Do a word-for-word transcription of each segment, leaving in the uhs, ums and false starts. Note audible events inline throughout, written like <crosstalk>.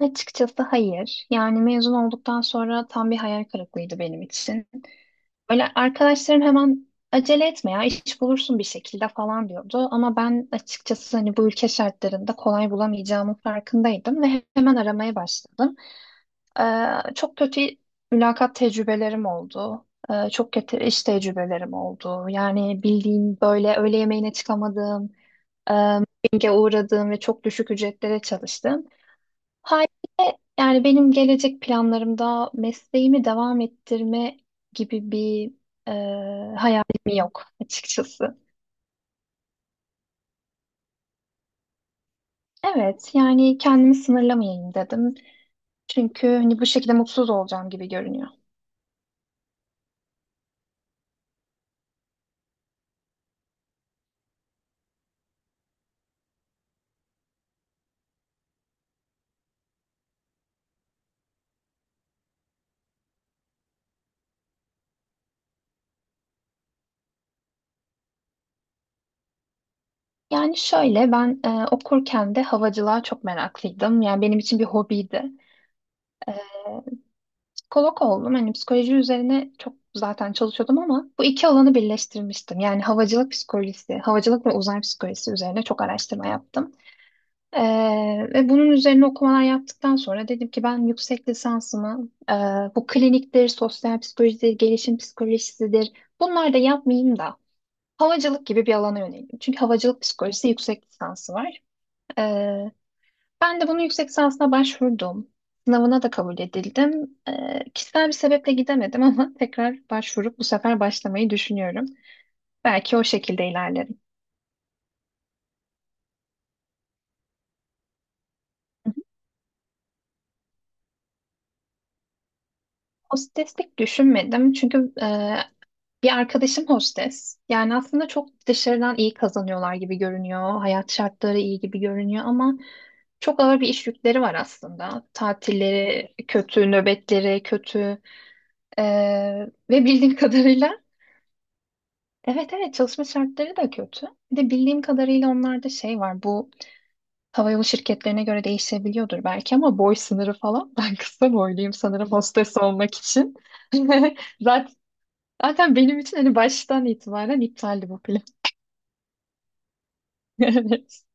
Açıkçası hayır. Yani mezun olduktan sonra tam bir hayal kırıklığıydı benim için. Böyle arkadaşlarım hemen acele etme ya iş bulursun bir şekilde falan diyordu. Ama ben açıkçası hani bu ülke şartlarında kolay bulamayacağımın farkındaydım ve hemen aramaya başladım. Ee, çok kötü mülakat tecrübelerim oldu. Ee, çok kötü iş tecrübelerim oldu. Yani bildiğim böyle öğle yemeğine çıkamadığım, e, mobbinge uğradığım ve çok düşük ücretlere çalıştım. Haliyle yani benim gelecek planlarımda mesleğimi devam ettirme gibi bir e, hayalim yok açıkçası. Evet yani kendimi sınırlamayayım dedim. Çünkü hani bu şekilde mutsuz olacağım gibi görünüyor. Yani şöyle ben e, okurken de havacılığa çok meraklıydım. Yani benim için bir hobiydi. E, Psikolog oldum. Hani psikoloji üzerine çok zaten çalışıyordum ama bu iki alanı birleştirmiştim. Yani havacılık psikolojisi, havacılık ve uzay psikolojisi üzerine çok araştırma yaptım. Ee, ve bunun üzerine okumalar yaptıktan sonra dedim ki ben yüksek lisansımı e, bu kliniktir, sosyal psikolojidir, gelişim psikolojisidir bunlar da yapmayayım da havacılık gibi bir alana yöneldim. Çünkü havacılık psikolojisi yüksek lisansı var. Ee, Ben de bunu yüksek lisansına başvurdum. Sınavına da kabul edildim. Ee, kişisel bir sebeple gidemedim <laughs> ama tekrar başvurup bu sefer başlamayı düşünüyorum. Belki o şekilde ilerlerim. O streslik düşünmedim çünkü e, bir arkadaşım hostes. Yani aslında çok dışarıdan iyi kazanıyorlar gibi görünüyor. Hayat şartları iyi gibi görünüyor ama çok ağır bir iş yükleri var aslında. Tatilleri kötü, nöbetleri kötü. Ee, Ve bildiğim <laughs> kadarıyla evet evet çalışma şartları da kötü. Bir de bildiğim kadarıyla onlarda şey var. Bu havayolu şirketlerine göre değişebiliyordur belki ama boy sınırı falan. <laughs> Ben kısa boyluyum sanırım hostes olmak için. <laughs> Zaten, zaten benim için hani baştan itibaren iptaldi bu plan. <laughs>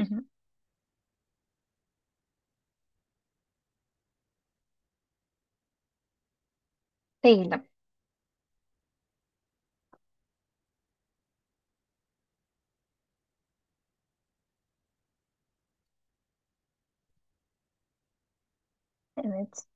Hı hı. Değilim. Evet.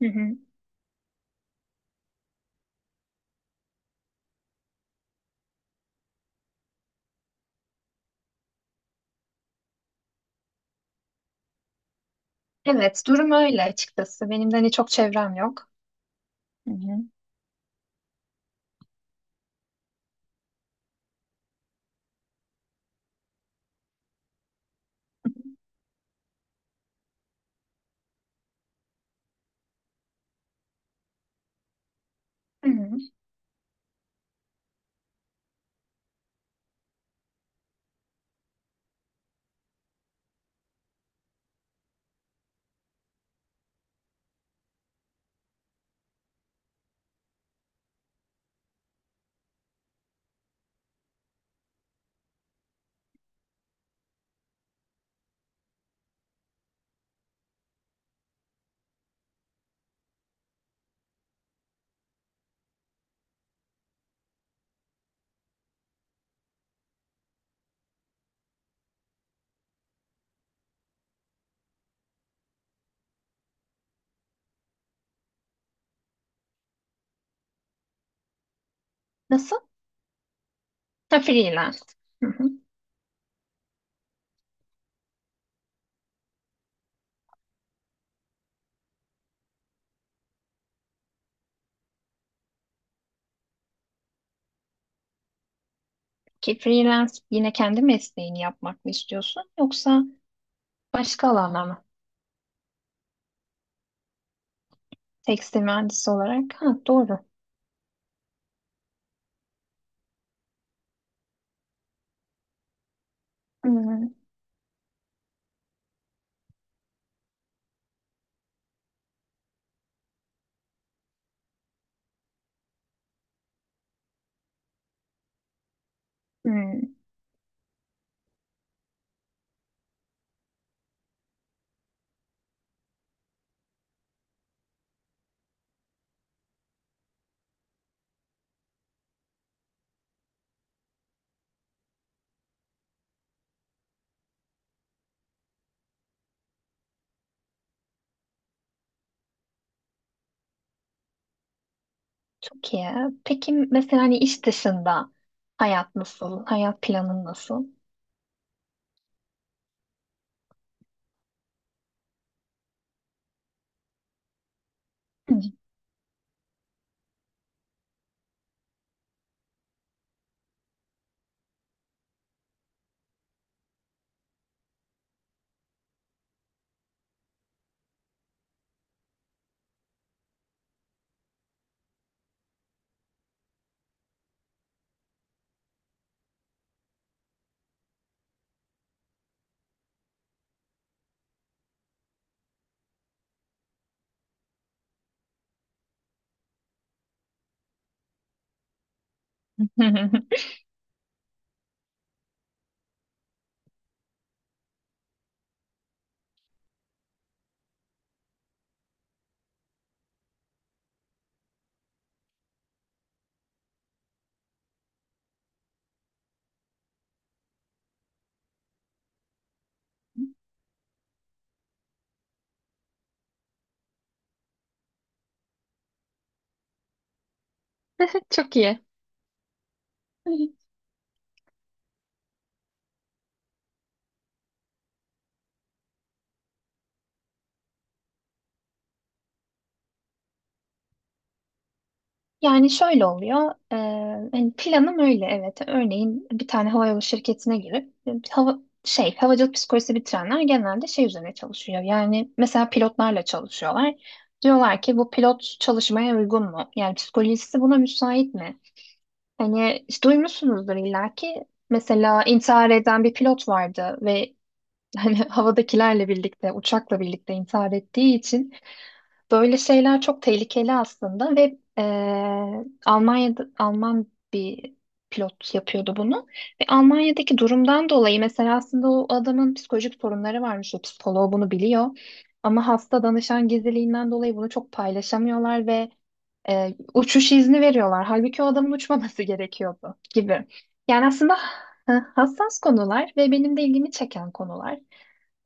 Hı hı. Evet, durum öyle açıkçası. Benim de hani çok çevrem yok. Hı hı. Hı hı. Nasıl? Ha, freelance. Hı hı. Ki freelance yine kendi mesleğini yapmak mı istiyorsun yoksa başka alana mı? Tekstil mühendisi olarak. Ha, doğru. Hı hı. Hı. Çok iyi. Peki mesela hani iş dışında hayat nasıl? Hayat planın nasıl? Hı. <laughs> Çok iyi. Yani şöyle oluyor. E, hani planım öyle evet. Örneğin bir tane havayolu şirketine girip e, hava şey havacılık psikolojisi bitirenler genelde şey üzerine çalışıyor. Yani mesela pilotlarla çalışıyorlar. Diyorlar ki bu pilot çalışmaya uygun mu? Yani psikolojisi buna müsait mi? Hani işte duymuşsunuzdur illaki. Mesela intihar eden bir pilot vardı ve hani <laughs> havadakilerle birlikte, uçakla birlikte intihar ettiği için böyle şeyler çok tehlikeli aslında ve eee Almanya'da Alman bir pilot yapıyordu bunu. Ve Almanya'daki durumdan dolayı mesela aslında o adamın psikolojik sorunları varmış. O psikoloğu bunu biliyor. Ama hasta danışan gizliliğinden dolayı bunu çok paylaşamıyorlar ve eee, uçuş izni veriyorlar. Halbuki o adamın uçmaması <laughs> gerekiyordu gibi. Yani aslında ha- hassas konular ve benim de ilgimi çeken konular.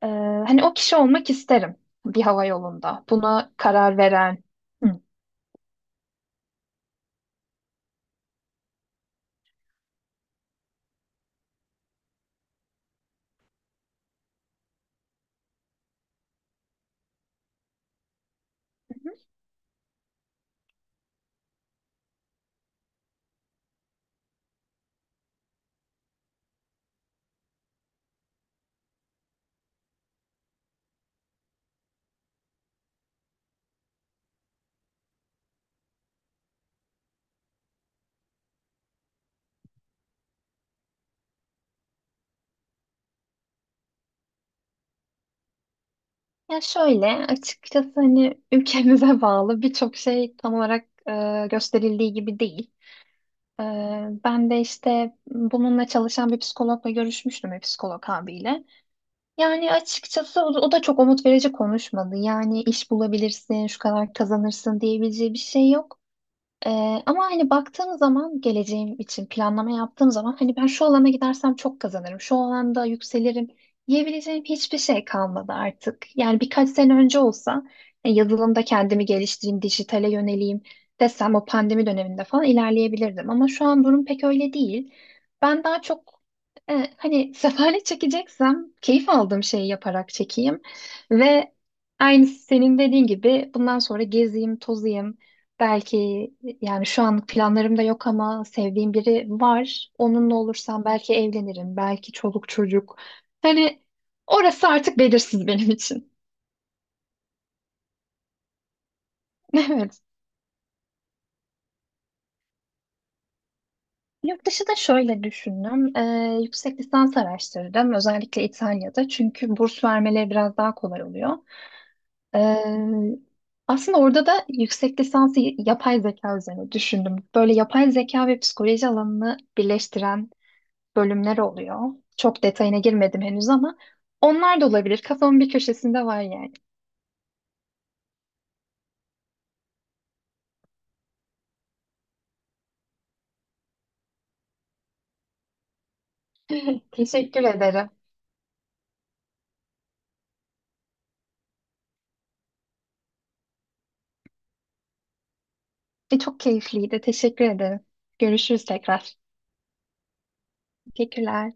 Ee, Hani o kişi olmak isterim bir hava yolunda. Buna karar veren. Hı. Hı hı. Ya şöyle açıkçası hani ülkemize <laughs> bağlı birçok şey tam olarak e, gösterildiği gibi değil. Ee, Ben de işte bununla çalışan bir psikologla görüşmüştüm bir psikolog abiyle. Yani açıkçası o, o da çok umut verici konuşmadı. Yani iş bulabilirsin, şu kadar kazanırsın diyebileceği bir şey yok. Ee, Ama hani baktığım zaman geleceğim için planlama yaptığım zaman hani ben şu alana gidersem çok kazanırım, şu alanda yükselirim diyebileceğim hiçbir şey kalmadı artık. Yani birkaç sene önce olsa e, yazılımda kendimi geliştireyim, dijitale yöneleyim desem o pandemi döneminde falan ilerleyebilirdim. Ama şu an durum pek öyle değil. Ben daha çok e, hani <laughs> sefalet çekeceksem keyif aldığım şeyi yaparak çekeyim ve aynı senin dediğin gibi bundan sonra gezeyim, tozayım. Belki yani şu an planlarım da yok ama sevdiğim biri var. Onunla olursam belki evlenirim, belki çoluk çocuk. Hani orası artık belirsiz benim için. <laughs> Evet. Yurt dışı da şöyle düşündüm. Ee, yüksek lisans araştırdım. Özellikle İtalya'da. Çünkü burs vermeleri biraz daha kolay oluyor. Ee, Aslında orada da yüksek lisansı y- yapay zeka üzerine düşündüm. Böyle yapay zeka ve psikoloji alanını birleştiren bölümler oluyor. Çok detayına girmedim henüz ama onlar da olabilir. Kafamın bir köşesinde var yani. <laughs> Teşekkür ederim. E, çok keyifliydi. Teşekkür ederim. Görüşürüz tekrar. Teşekkürler.